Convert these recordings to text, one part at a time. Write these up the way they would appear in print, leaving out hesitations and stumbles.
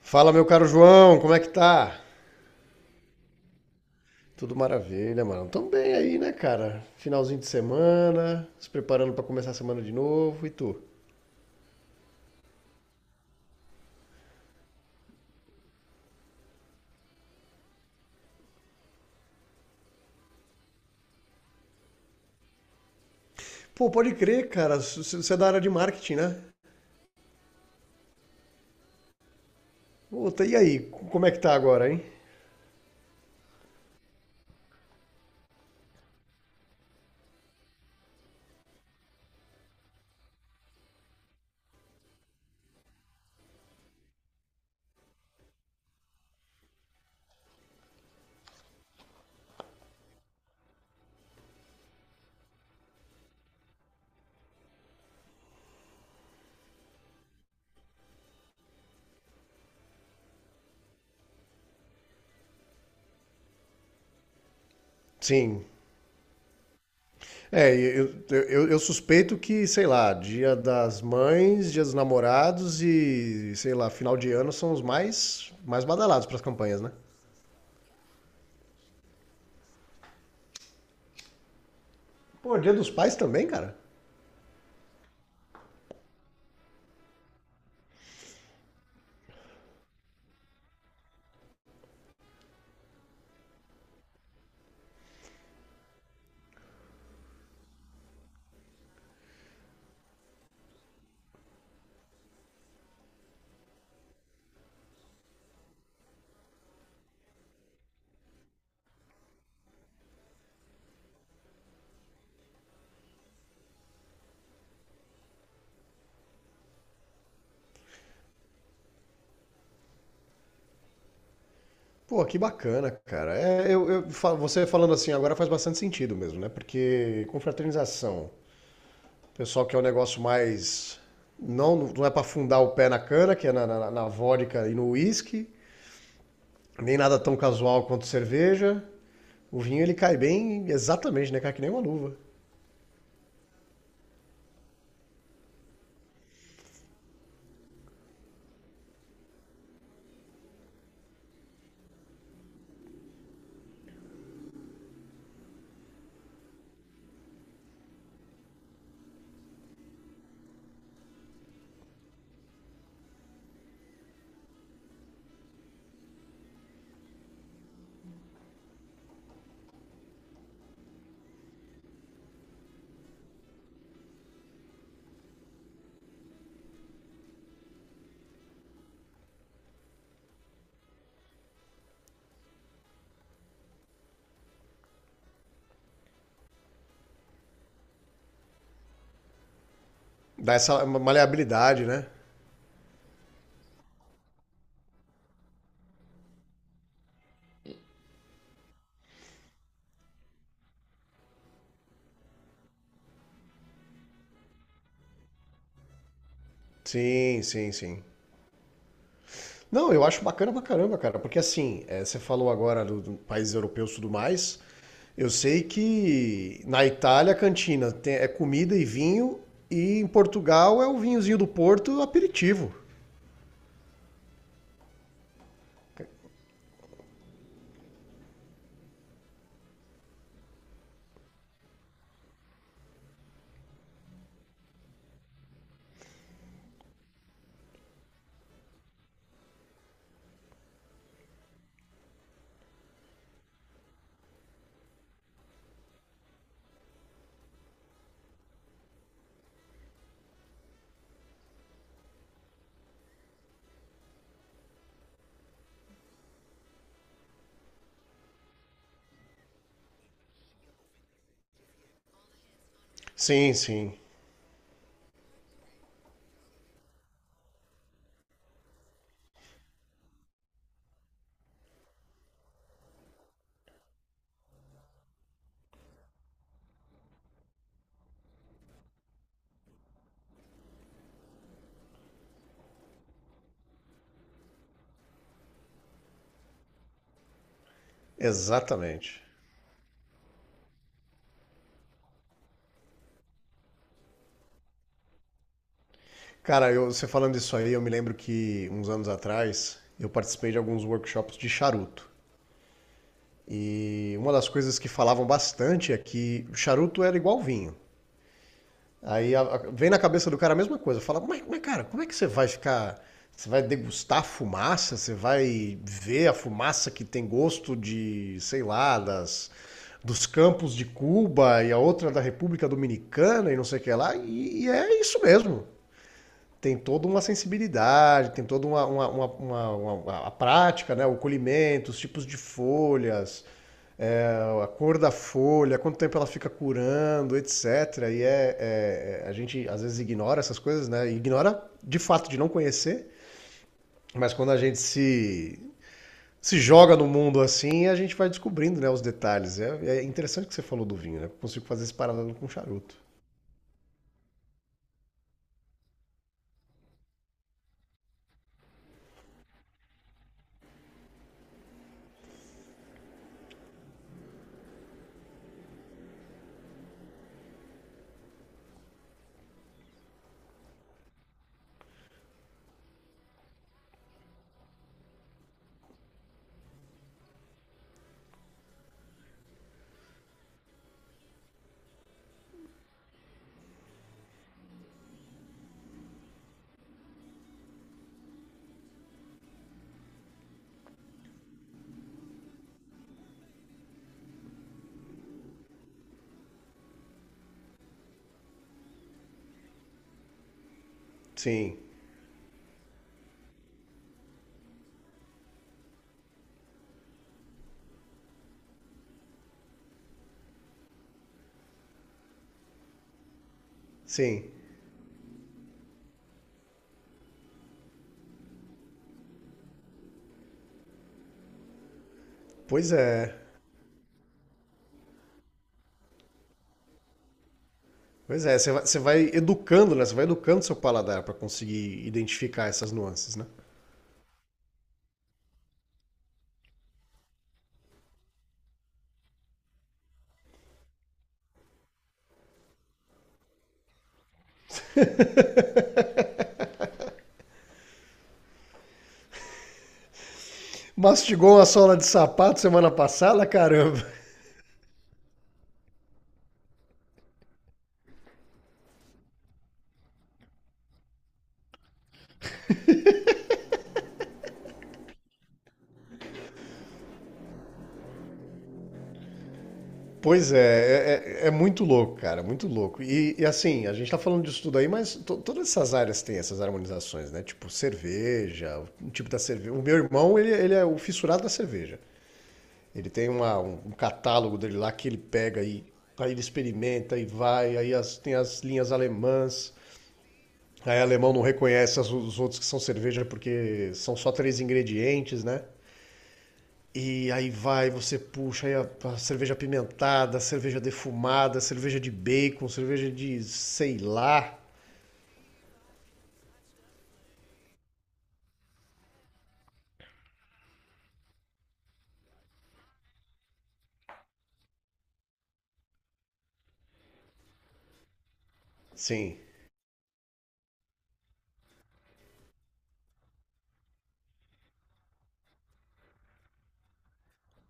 Fala, meu caro João, como é que tá? Tudo maravilha, mano. Tamo bem aí, né, cara? Finalzinho de semana, se preparando pra começar a semana de novo, e tu? Pô, pode crer, cara, você é da área de marketing, né? Puta, e aí, como é que tá agora, hein? Sim. É, eu suspeito que, sei lá, dia das mães, dia dos namorados e, sei lá, final de ano são os mais badalados pras campanhas, né? Pô, dia dos pais também, cara? Pô, que bacana, cara. É, você falando assim agora faz bastante sentido mesmo, né? Porque confraternização, o pessoal que é um negócio mais. Não, não é pra afundar o pé na cana, que é na vodka e no uísque, nem nada tão casual quanto cerveja. O vinho ele cai bem exatamente, né? Cai que nem uma luva. Dá essa maleabilidade, né? Sim, sim, sim. Não, eu acho bacana pra caramba, cara, porque assim, é, você falou agora do país europeu e tudo mais. Eu sei que na Itália a cantina é comida e vinho, e em Portugal é o vinhozinho do Porto aperitivo. Sim, sim, exatamente. Cara, você falando isso aí, eu me lembro que uns anos atrás eu participei de alguns workshops de charuto. E uma das coisas que falavam bastante é que o charuto era igual vinho. Aí vem na cabeça do cara a mesma coisa. Fala, mas, cara, como é que você vai ficar. Você vai degustar a fumaça? Você vai ver a fumaça que tem gosto de, sei lá, dos campos de Cuba e a outra da República Dominicana e não sei o que lá. E é isso mesmo. Tem toda uma sensibilidade, tem toda a prática, né? O colhimento, os tipos de folhas, é, a cor da folha, quanto tempo ela fica curando, etc. É, a gente às vezes ignora essas coisas, né? Ignora de fato de não conhecer, mas quando a gente se, se joga no mundo assim, a gente vai descobrindo, né, os detalhes. É, é interessante que você falou do vinho, né? Eu consigo fazer esse paralelo com charuto. Sim, sim. Pois é. Pois é, você vai educando, né? Você vai educando seu paladar para conseguir identificar essas nuances, né? Mastigou uma sola de sapato semana passada, caramba. Pois é, é muito louco, cara, muito louco. E assim, a gente tá falando disso tudo aí, mas todas essas áreas têm essas harmonizações, né? Tipo cerveja, o tipo da cerveja. O meu irmão, ele é o fissurado da cerveja. Ele tem um catálogo dele lá que ele pega e aí ele experimenta e vai, tem as linhas alemãs. Aí alemão não reconhece os outros que são cerveja porque são só três ingredientes, né? E aí vai, você puxa aí a cerveja apimentada, a cerveja defumada, a cerveja de bacon, cerveja de sei lá. Sim,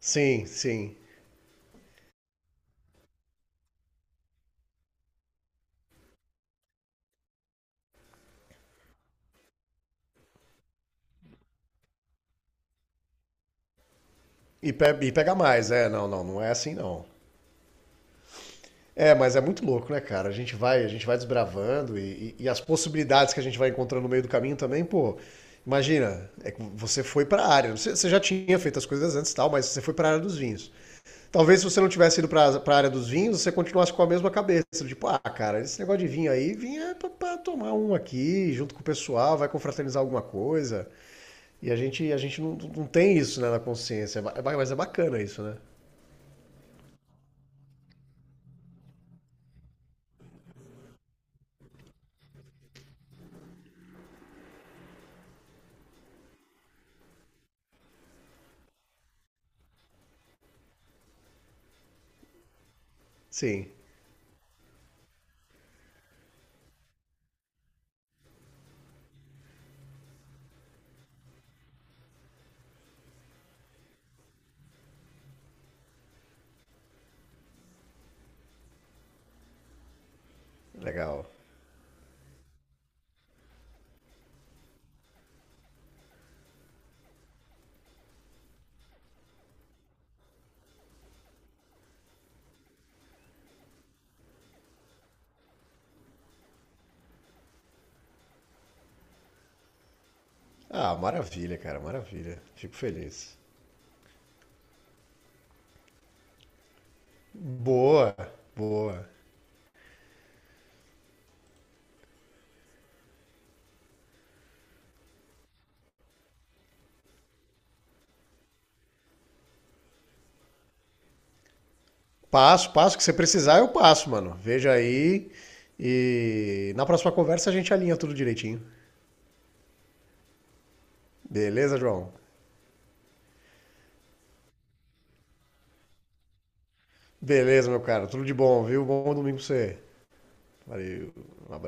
sim, sim. E, e pega mais, é, não, não, não é assim não. É, mas é muito louco, né, cara? A gente vai desbravando e, e as possibilidades que a gente vai encontrando no meio do caminho também, pô. Imagina, é que você foi pra área. Você já tinha feito as coisas antes e tal, mas você foi pra área dos vinhos. Talvez se você não tivesse ido para a área dos vinhos, você continuasse com a mesma cabeça. Tipo, ah, cara, esse negócio de vinho aí, vinho é para tomar um aqui, junto com o pessoal, vai confraternizar alguma coisa. E a gente não, não tem isso, né, na consciência. Mas é bacana isso, né? Sim, legal. Ah, maravilha, cara, maravilha. Fico feliz. Boa, boa. Passo, que você precisar, eu passo, mano. Veja aí. E na próxima conversa a gente alinha tudo direitinho. Beleza, João? Beleza, meu cara. Tudo de bom, viu? Bom domingo pra você. Valeu. Um abraço.